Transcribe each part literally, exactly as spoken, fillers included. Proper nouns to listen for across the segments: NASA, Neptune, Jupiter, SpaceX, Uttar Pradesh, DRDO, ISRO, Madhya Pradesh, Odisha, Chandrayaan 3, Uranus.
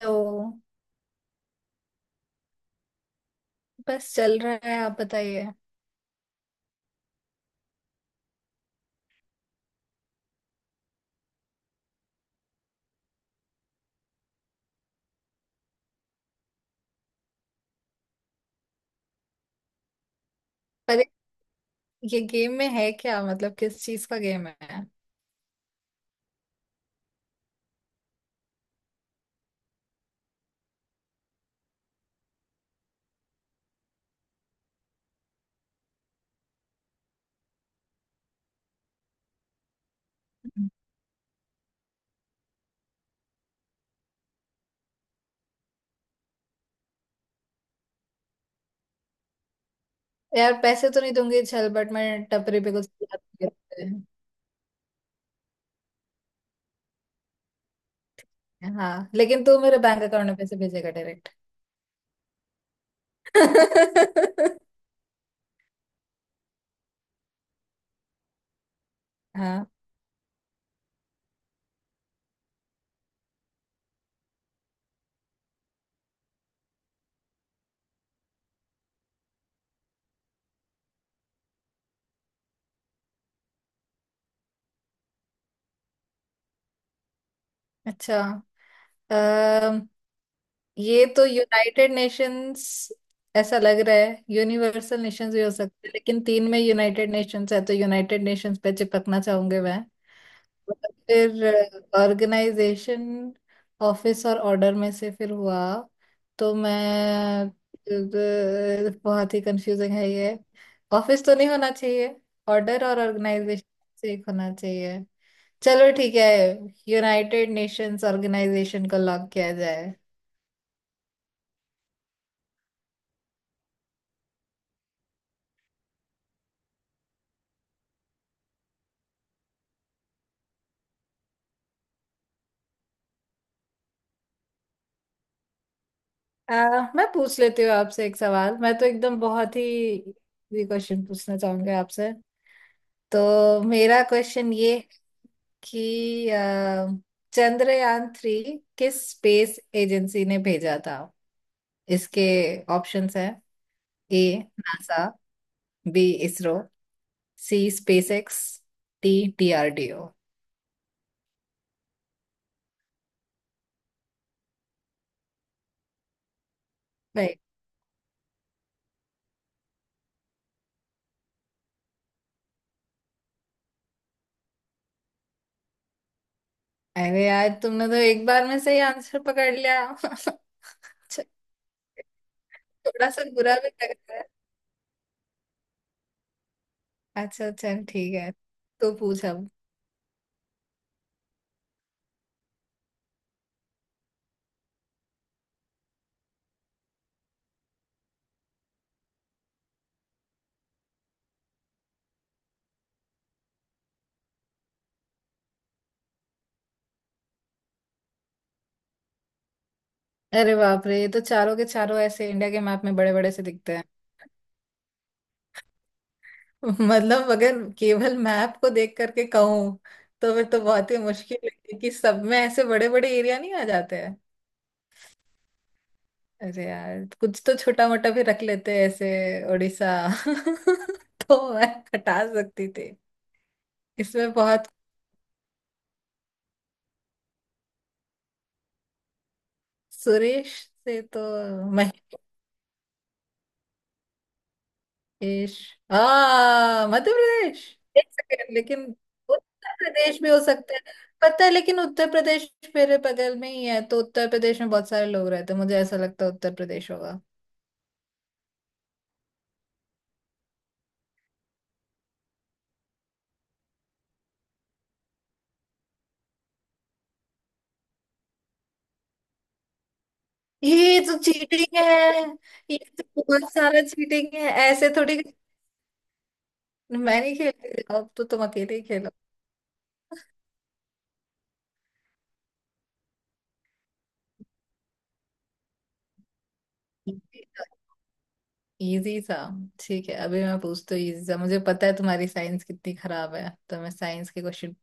तो बस चल रहा है, आप बताइए। पर ये गेम में है क्या, मतलब किस चीज का गेम है? हम्म। यार पैसे तो नहीं दूंगी, चल बट मैं टपरी पे कुछ खिला दूंगी। हाँ लेकिन तू मेरे बैंक अकाउंट में पैसे भेजेगा डायरेक्ट। हाँ। अच्छा। अम, ये तो यूनाइटेड नेशंस ऐसा लग रहा है। यूनिवर्सल नेशंस भी हो सकते हैं, लेकिन तीन में यूनाइटेड नेशंस है तो यूनाइटेड नेशंस पे चिपकना चाहूंगी मैं। और फिर ऑर्गेनाइजेशन, ऑफिस और ऑर्डर में से फिर हुआ तो मैं अ, बहुत ही कंफ्यूजिंग है ये। ऑफिस तो नहीं होना चाहिए, ऑर्डर और ऑर्गेनाइजेशन से एक होना चाहिए। चलो ठीक है, यूनाइटेड नेशंस ऑर्गेनाइजेशन को लॉक किया जाए। अ, मैं पूछ लेती हूँ आपसे एक सवाल। मैं तो एकदम बहुत ही क्वेश्चन पूछना चाहूंगी आपसे। तो मेरा क्वेश्चन ये कि अ, चंद्रयान थ्री किस स्पेस एजेंसी ने भेजा था? इसके ऑप्शंस हैं, A NASA, B ISRO, C SpaceX, D DRDO. भाई अरे यार, तुमने तो एक बार में सही आंसर पकड़ लिया। अच्छा, थोड़ा सा बुरा भी लग रहा है। अच्छा चल ठीक है, तो पूछ अब। अरे बाप रे, ये तो चारों के चारों ऐसे इंडिया के मैप में बड़े बड़े से दिखते हैं। मतलब अगर केवल मैप को देख करके कहूँ तो फिर तो बहुत ही मुश्किल है कि सब में ऐसे बड़े बड़े एरिया नहीं आ जाते हैं। अरे यार, कुछ तो छोटा मोटा भी रख लेते हैं, ऐसे उड़ीसा। तो मैं हटा सकती थी। इसमें बहुत सुरेश से तो महेश, आ मध्य प्रदेश। एक सेकेंड, लेकिन उत्तर प्रदेश भी हो सकता है, पता है। लेकिन उत्तर प्रदेश मेरे बगल में ही है, तो उत्तर प्रदेश में बहुत सारे लोग रहते हैं, मुझे ऐसा लगता है उत्तर प्रदेश होगा। ये तो चीटिंग है। ये तो बहुत सारा चीटिंग है। ऐसे थोड़ी, मैं नहीं खेलती अब तो, तुम अकेले ही खेलो। इजी सा easy सा। ठीक है अभी मैं पूछती हूँ इजी सा। मुझे पता है तुम्हारी साइंस कितनी खराब है, तो मैं साइंस के क्वेश्चन।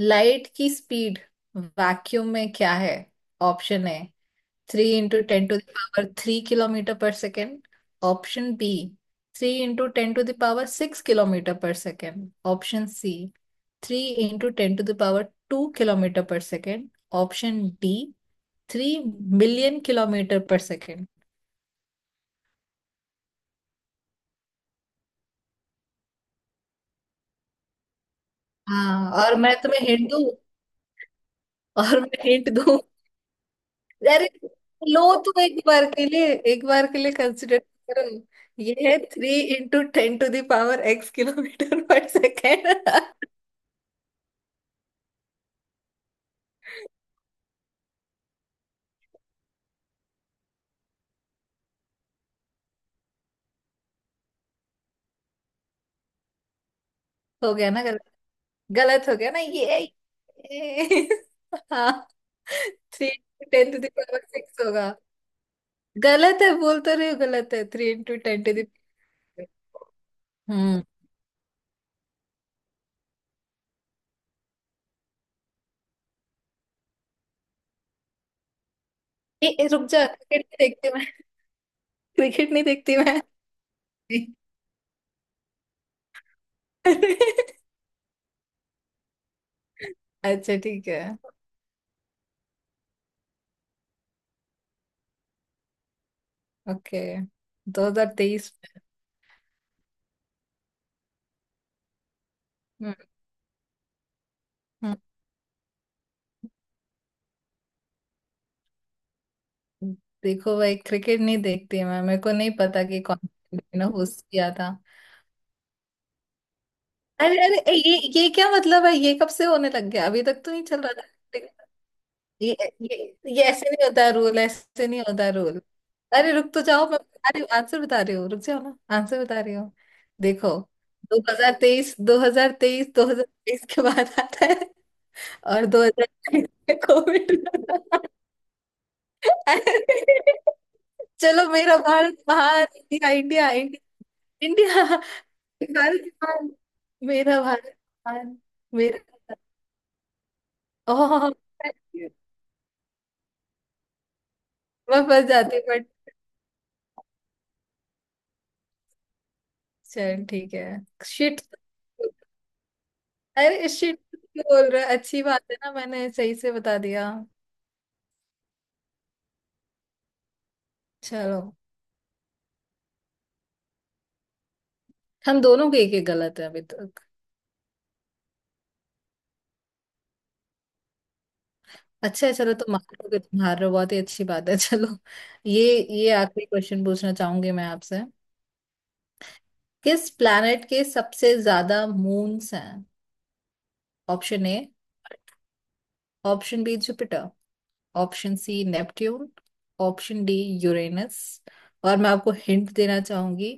लाइट की स्पीड वैक्यूम में क्या है? ऑप्शन है three into ten to the power three kilometre per second, option B three into ten to the power six kilometre per second, option C three into ten to the power two kilometre per second, option D three million kilometre per second. हाँ, और मैं तुम्हें hint दूँ। और मैं hint दूँ, अरे लो तुम। एक बार के लिए, एक बार के लिए कंसिडर करो। ये है three into ten to the power x kilometre per second. हो गया ना? गलत हो गया ना ये? ये- हाँ, three into ten to the power six होगा। गलत है, बोल तो रही हूँ गलत है, three into ten to the power. Hmm. ए, ए, रुक जा, क्रिकेट नहीं देखती मैं। क्रिकेट नहीं देखती मैं। अच्छा ठीक है। ओके। दो हज़ार तेईस में। हम्म, हम्म। देखो भाई, क्रिकेट नहीं देखती मैं, मेरे को नहीं पता कि कौन ने होस्ट किया था। अरे अरे ए, ये ये क्या मतलब है? ये कब से होने लग गया, अभी तक तो नहीं चल रहा था। ये ये ये ऐसे नहीं होता रूल, ऐसे नहीं होता रूल। अरे रुक तो जाओ, मैं बता रही हूँ आंसर, बता रही हूँ, रुक जाओ ना, आंसर बता रही हूँ। देखो, दो हज़ार तेईस, दो हज़ार तेईस, दो हज़ार तेईस के बाद आता है, और दो हज़ार तेईस में कोविड। चलो मेरा भारत महान। India, India, India. भारत महान, मेरा भारत महान। मेरा, ओह, मैं फंस जाती हूँ। चल ठीक है। शिट। अरे शिट क्यों बोल रहा है, अच्छी बात है ना मैंने सही से बता दिया। चलो हम दोनों के एक एक गलत है अभी तक। अच्छा है, चलो तुम मान लो कि तुम हार रहे हो, बहुत ही अच्छी बात है। चलो, ये ये आखिरी क्वेश्चन पूछना चाहूंगी मैं आपसे। किस प्लैनेट के सबसे ज्यादा मून्स हैं? Option A, option B Jupiter, option C Neptune, option D Uranus. और मैं आपको हिंट देना चाहूंगी,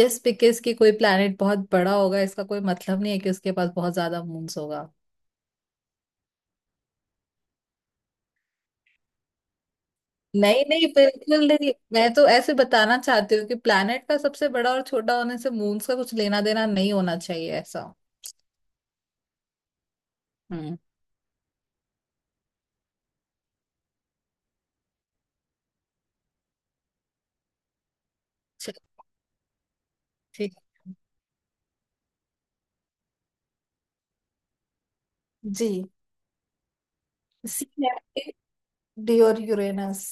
जस्ट बिकॉज कि कोई प्लैनेट बहुत बड़ा होगा इसका कोई मतलब नहीं है कि उसके पास बहुत ज्यादा मून्स होगा। नहीं नहीं, बिल्कुल नहीं, मैं तो ऐसे बताना चाहती हूँ कि प्लैनेट का सबसे बड़ा और छोटा होने से मून्स का कुछ लेना देना नहीं होना चाहिए ऐसा। हम्म। चलो, ठीक। जी। सी नेपट्यून, डी और यूरेनस।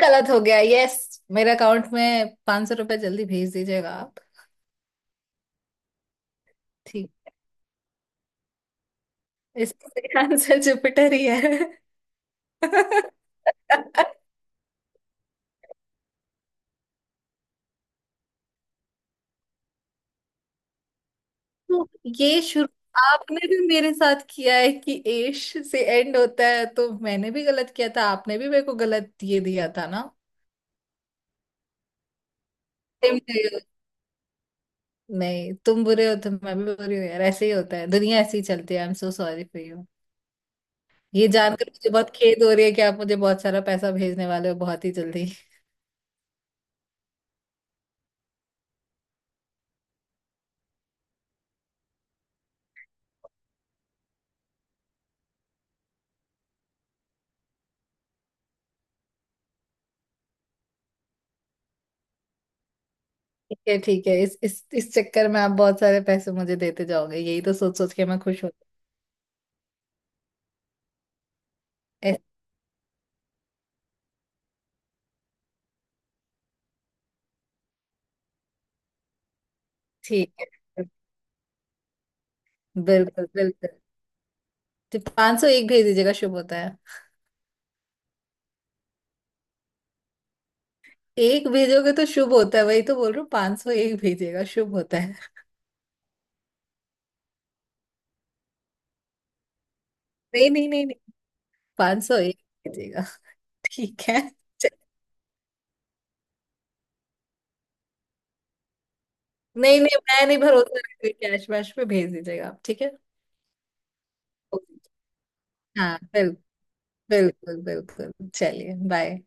गलत हो गया, यस। मेरे अकाउंट में पाँच सौ रुपए जल्दी भेज दीजिएगा आप। ठीक। इसका आंसर जुपिटर ही है। तो ये शुरू आपने भी मेरे साथ किया है कि एश से एंड होता है, तो मैंने भी गलत किया था, आपने भी मेरे को गलत ये दिया था ना। तुम बुरे हो, नहीं तुम बुरे हो तो मैं भी बुरी हूँ यार, ऐसे ही होता है, दुनिया ऐसे ही चलती है। I am so sorry for you. ये जानकर मुझे बहुत खेद हो रही है कि आप मुझे बहुत सारा पैसा भेजने वाले हो बहुत ही जल्दी। ठीक है ठीक है, इस इस इस चक्कर में आप बहुत सारे पैसे मुझे देते जाओगे, यही तो सोच सोच के मैं खुश होती हूँ। ऐ- ठीक है, बिल्कुल बिल्कुल। तो पाँच सौ एक भेज दीजिएगा, शुभ होता है। एक भेजोगे तो शुभ होता है, वही तो बोल रहा हूँ, पाँच सौ एक भेजिएगा, शुभ होता है। नहीं नहीं नहीं नहीं, पाँच सौ एक भेजिएगा। ठीक है। च- नहीं नहीं, मैं नहीं भरोसा रखती, कैश वैश पे भेज दीजिएगा आप, ठीक है। हाँ बिल्कुल, बिल्कुल बिल्कुल। चलिए बाय।